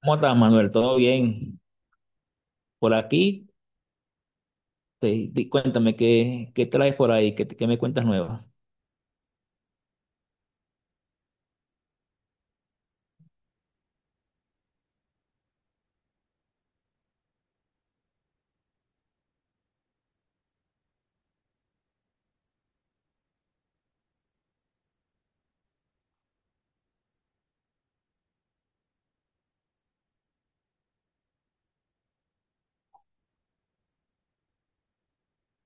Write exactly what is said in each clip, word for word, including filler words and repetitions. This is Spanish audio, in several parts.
¿Cómo estás, Manuel? ¿Todo bien? Por aquí, te- di- cuéntame, ¿qué, ¿qué traes por ahí? ¿Qué, te- qué me cuentas nuevo?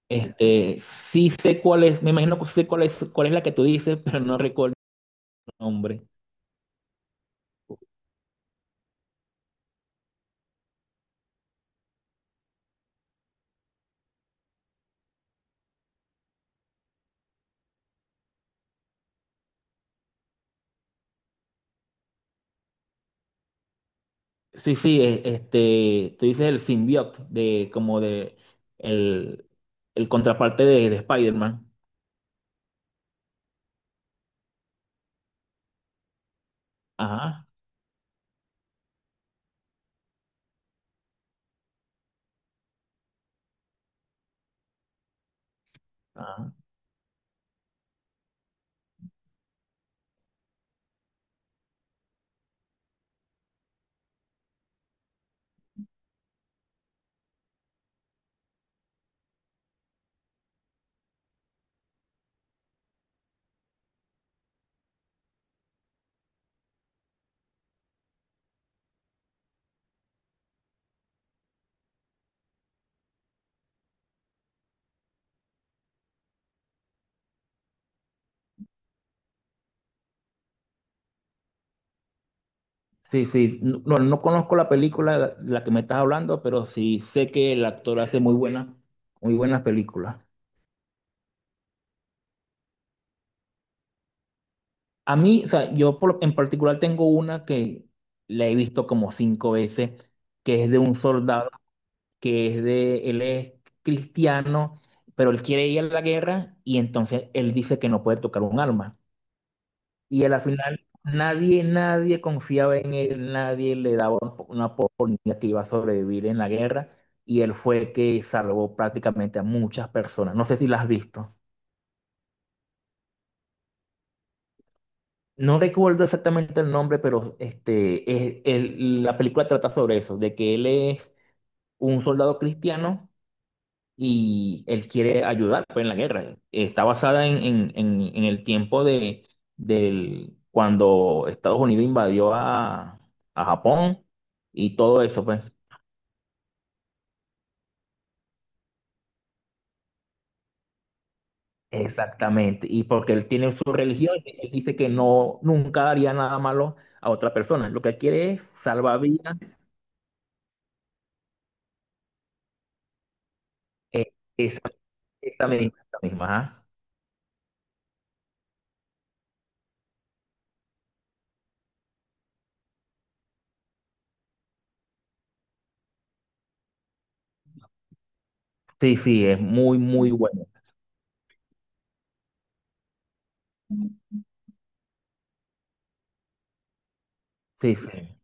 Este, sí sé cuál es, me imagino que sí sé cuál es, cuál es la que tú dices, pero no recuerdo el nombre. Sí, sí, e- este, tú dices el symbiote de, como de, el, el contraparte de, de Spider-Man. Ajá, ajá. Sí, sí, no, no no conozco la película de la que me estás hablando, pero sí sé que el actor hace muy buenas, muy buenas películas. A mí, o sea, yo por- en particular tengo una que la he visto como cinco veces, que es de un soldado, que es de, él es cristiano, pero él quiere ir a la guerra y entonces él dice que no puede tocar un arma. Y a la final nadie, nadie confiaba en él, nadie le daba un po- una oportunidad que iba a sobrevivir en la guerra y él fue que salvó prácticamente a muchas personas. No sé si la has visto. No recuerdo exactamente el nombre, pero este, es- el- la película trata sobre eso, de que él es un soldado cristiano y él quiere ayudar pues, en la guerra. Está basada en, en- en- en el tiempo de, del, cuando Estados Unidos invadió a, a Japón y todo eso, pues. Exactamente. Y porque él tiene su religión, él dice que no, nunca haría nada malo a otra persona. Lo que quiere es salvar vidas. Eh, esa, esa misma, esa misma, ajá. Sí, sí, es muy, muy buena. Sí, sí,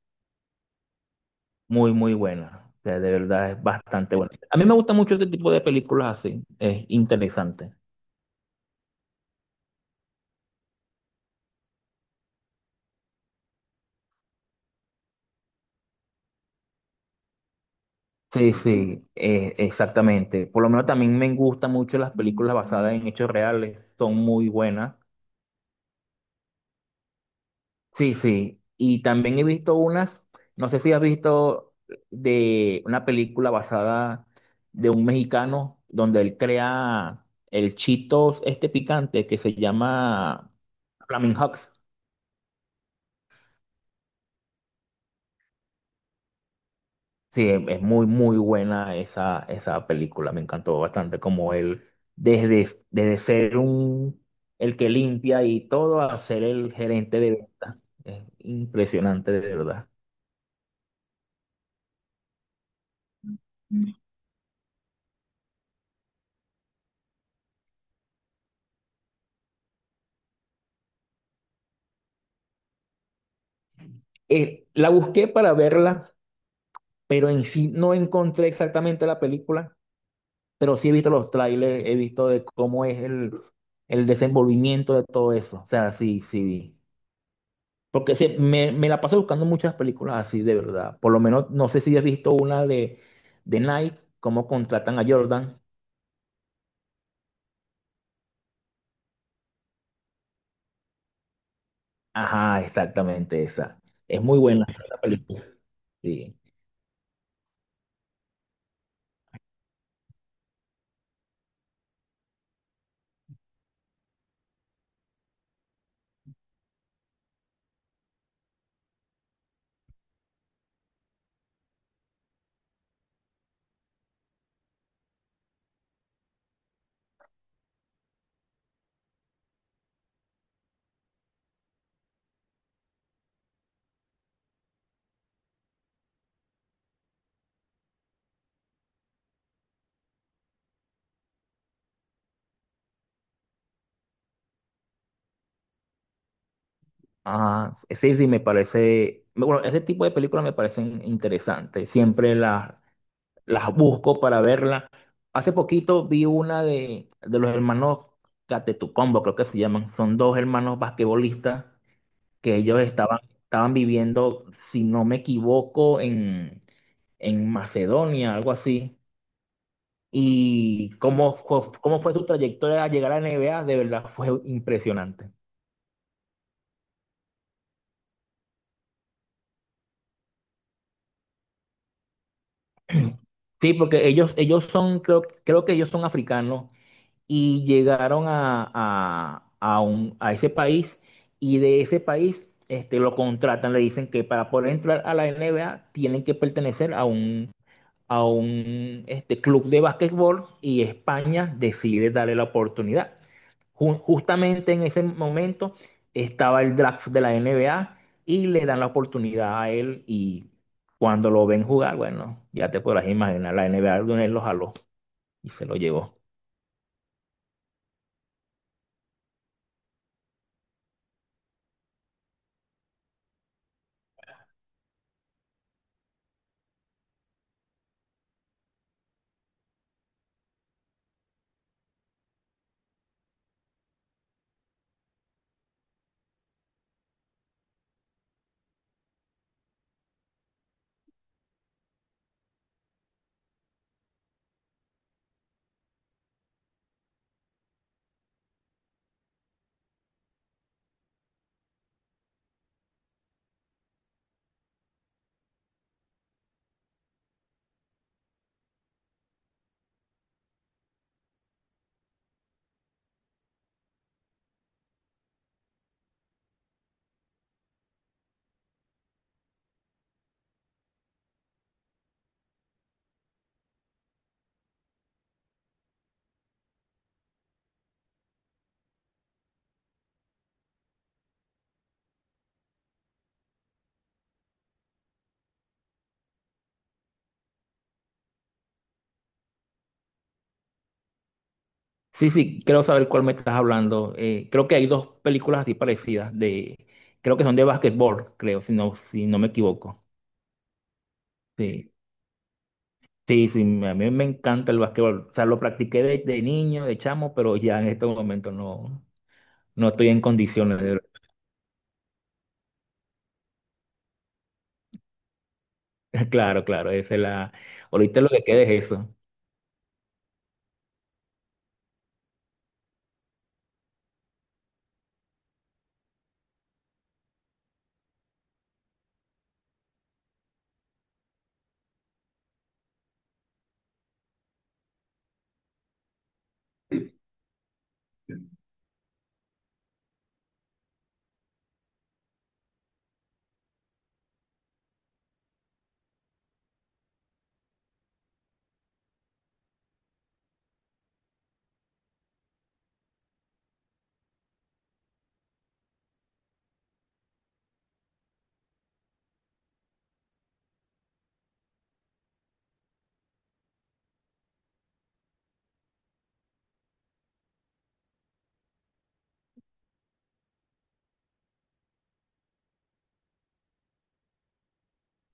muy, muy buena. O sea, de verdad es bastante buena. A mí me gusta mucho este tipo de películas así, es interesante. Sí, sí, eh, exactamente. Por lo menos también me gustan mucho las películas basadas en hechos reales, son muy buenas. Sí, sí. Y también he visto unas, no sé si has visto de una película basada de un mexicano donde él crea el Cheetos este picante que se llama Flaming Hot. Sí, es es muy, muy buena esa, esa película. Me encantó bastante como él, desde, desde ser un, el que limpia y todo, a ser el gerente de venta. Es impresionante, de verdad. Eh, la busqué para verla pero en sí no encontré exactamente la película, pero sí he visto los trailers, he visto de cómo es el, el desenvolvimiento de todo eso. O sea, sí, sí vi. Porque sí, me, me la paso buscando muchas películas así, de verdad. Por lo menos, no sé si has visto una de, de Nike, cómo contratan a Jordan. Ajá, exactamente esa. Es muy buena la película. Sí. Ah, sí, sí, me parece. Bueno, ese tipo de películas me parecen interesantes. Siempre las las busco para verla. Hace poquito vi una de, de los hermanos Catetucombo, creo que se llaman. Son dos hermanos basquetbolistas que ellos estaban, estaban viviendo, si no me equivoco, en, en Macedonia, algo así. Y cómo, fue- cómo fue su trayectoria a llegar a la N B A, de verdad fue impresionante. Sí, porque ellos, ellos son, creo, creo que ellos son africanos y llegaron a, a- a un- a ese país y de ese país este, lo contratan, le dicen que para poder entrar a la N B A tienen que pertenecer a un, a un este, club de básquetbol y España decide darle la oportunidad. Ju- justamente en ese momento estaba el draft de la N B A y le dan la oportunidad a él y cuando lo ven jugar, bueno, ya te podrás imaginar, la N B A de una vez lo jaló y se lo llevó. Sí, sí, quiero saber cuál me estás hablando. Eh, creo que hay dos películas así parecidas de, creo que son de básquetbol, creo, si no, si no me equivoco. Sí, sí, sí, me- a mí me encanta el básquetbol. O sea, lo practiqué de, de niño, de chamo, pero ya en este momento no, no estoy en condiciones de... Claro, claro, esa es la... Ahorita lo que queda es eso.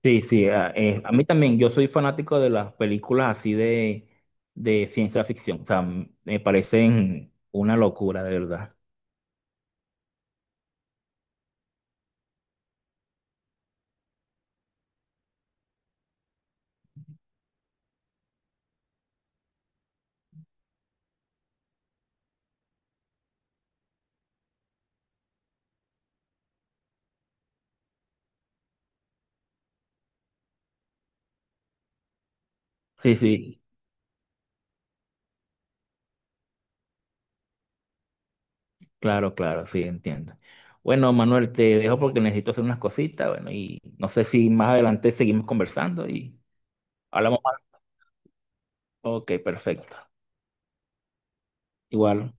Sí, sí, a, eh, a mí también, yo soy fanático de las películas así de, de ciencia ficción. O sea, me parecen una locura, de verdad. Sí, sí. Claro, claro, sí, entiendo. Bueno, Manuel, te dejo porque necesito hacer unas cositas, bueno, y no sé si más adelante seguimos conversando y hablamos más. Ok, perfecto. Igual.